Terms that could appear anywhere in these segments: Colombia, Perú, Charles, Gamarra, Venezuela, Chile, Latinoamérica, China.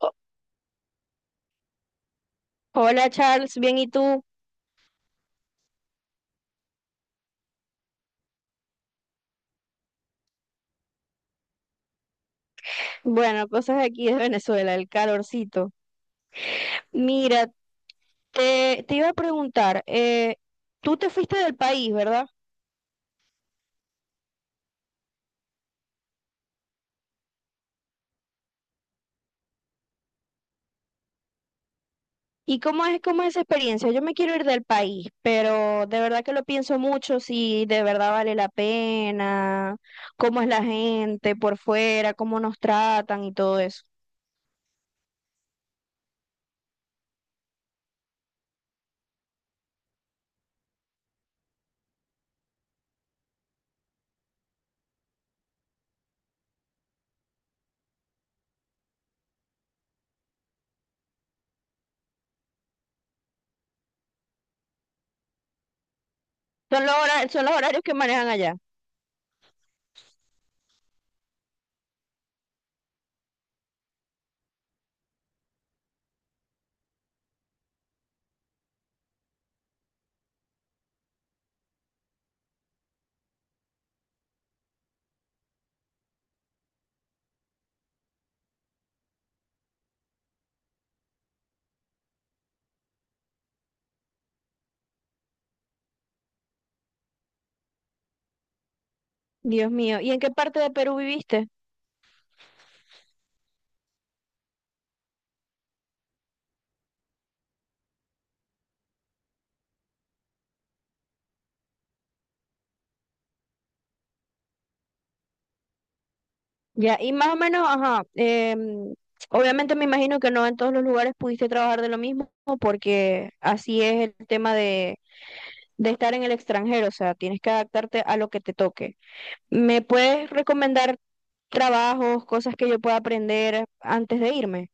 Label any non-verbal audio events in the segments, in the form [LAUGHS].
O- Hola Charles, bien y tú. Bueno, cosas aquí de Venezuela, el calorcito. Mira, te iba a preguntar, tú te fuiste del país, ¿verdad? ¿Y cómo es esa experiencia? Yo me quiero ir del país, pero de verdad que lo pienso mucho, si de verdad vale la pena, cómo es la gente por fuera, cómo nos tratan y todo eso. Son los horarios que manejan allá. Dios mío, ¿y en qué parte de Perú viviste? Ya, y más o menos, ajá, obviamente me imagino que no en todos los lugares pudiste trabajar de lo mismo, porque así es el tema de estar en el extranjero, o sea, tienes que adaptarte a lo que te toque. ¿Me puedes recomendar trabajos, cosas que yo pueda aprender antes de irme?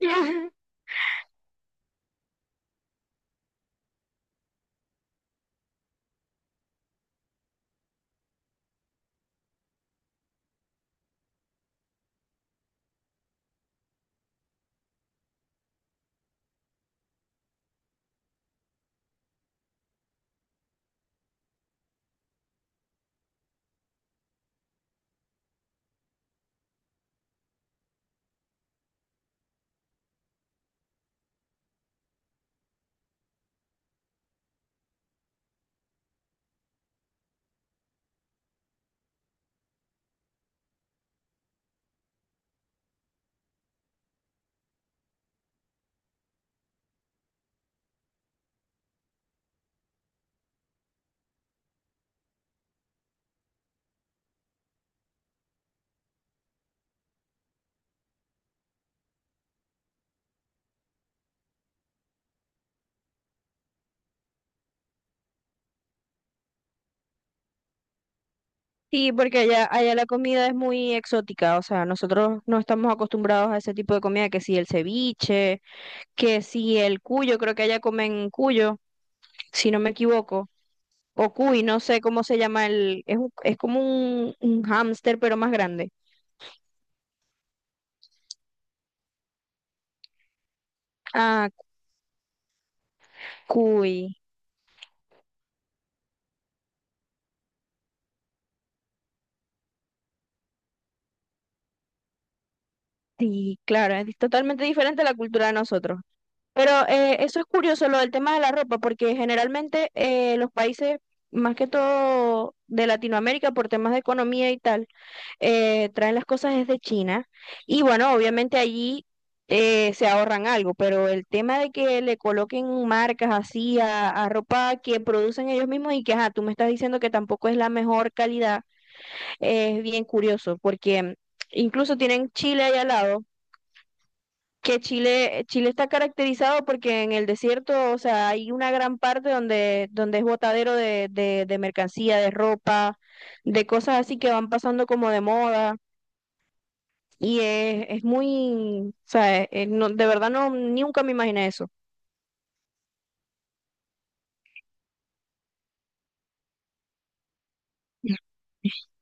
[LAUGHS] Sí, porque allá, allá la comida es muy exótica, o sea, nosotros no estamos acostumbrados a ese tipo de comida, que si el ceviche, que si el cuyo, creo que allá comen cuyo, si no me equivoco, o cuy, no sé cómo se llama el, es, un- es como un hámster, pero más grande. Ah, cuy, sí, claro, es totalmente diferente a la cultura de nosotros. Pero eso es curioso, lo del tema de la ropa, porque generalmente los países, más que todo de Latinoamérica, por temas de economía y tal, traen las cosas desde China. Y bueno, obviamente allí se ahorran algo, pero el tema de que le coloquen marcas así a ropa que producen ellos mismos y que, ajá, tú me estás diciendo que tampoco es la mejor calidad, es bien curioso, porque incluso tienen Chile allá al lado que Chile, Chile está caracterizado porque en el desierto, o sea, hay una gran parte donde, donde es botadero de mercancía, de ropa, de cosas así que van pasando como de moda. Y es muy, o sea, es no- de verdad no, nunca me imaginé eso. [LAUGHS]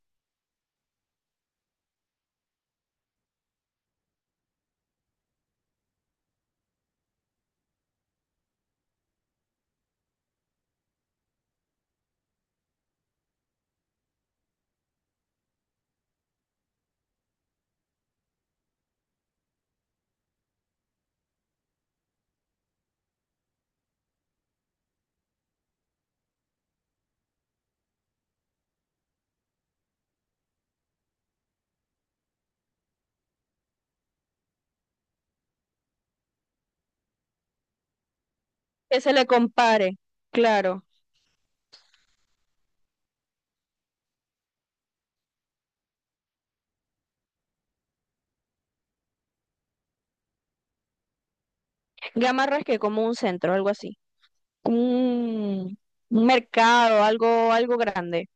Que se le compare, claro. Gamarra es que como un centro, algo así. Un, un mercado, algo, algo grande.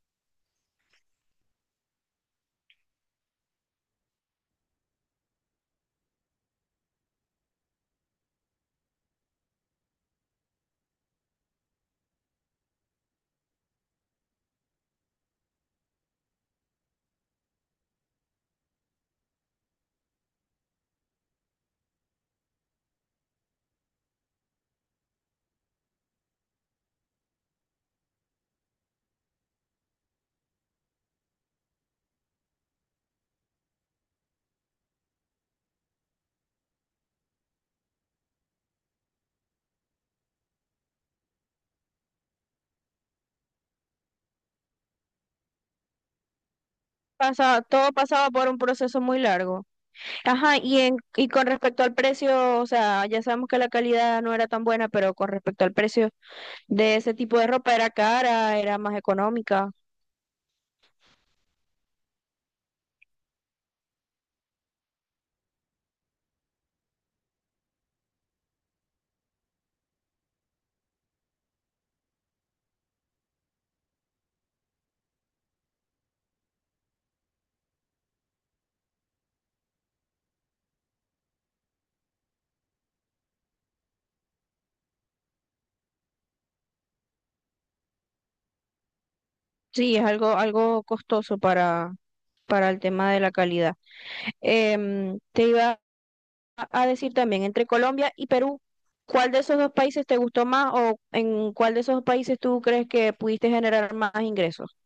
Pasa, todo pasaba por un proceso muy largo. Ajá, y, en, y con respecto al precio, o sea, ya sabemos que la calidad no era tan buena, pero con respecto al precio de ese tipo de ropa era cara, era más económica. Sí, es algo, algo costoso para el tema de la calidad. Em, te iba a decir también, entre Colombia y Perú, ¿cuál de esos dos países te gustó más o en cuál de esos dos países tú crees que pudiste generar más ingresos?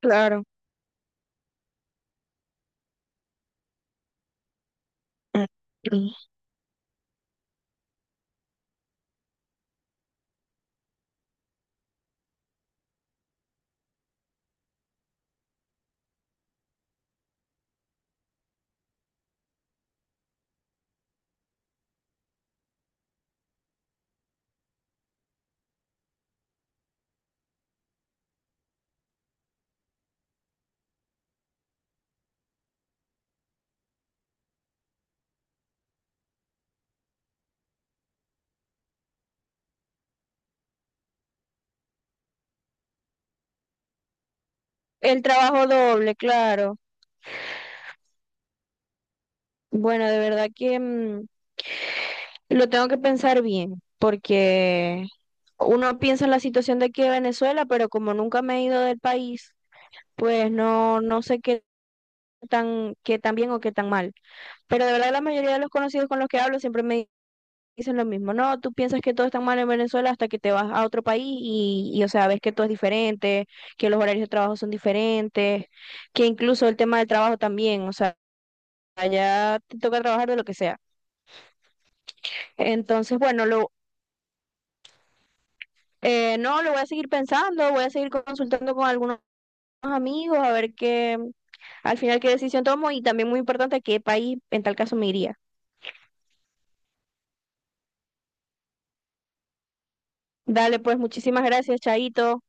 Claro. [CLEARS THROAT] El trabajo doble, claro. Bueno, de verdad que mm, lo tengo que pensar bien, porque uno piensa en la situación de aquí de Venezuela, pero como nunca me he ido del país, pues no, no sé qué tan bien o qué tan mal. Pero de verdad la mayoría de los conocidos con los que hablo siempre me dicen lo mismo. No, tú piensas que todo está mal en Venezuela hasta que te vas a otro país o sea, ves que todo es diferente, que los horarios de trabajo son diferentes, que incluso el tema del trabajo también, o sea, allá te toca trabajar de lo que sea. Entonces, bueno, lo No, lo voy a seguir pensando, voy a seguir consultando con algunos amigos a ver qué, al final qué decisión tomo y también muy importante a qué país en tal caso me iría. Dale, pues muchísimas gracias, Chaito.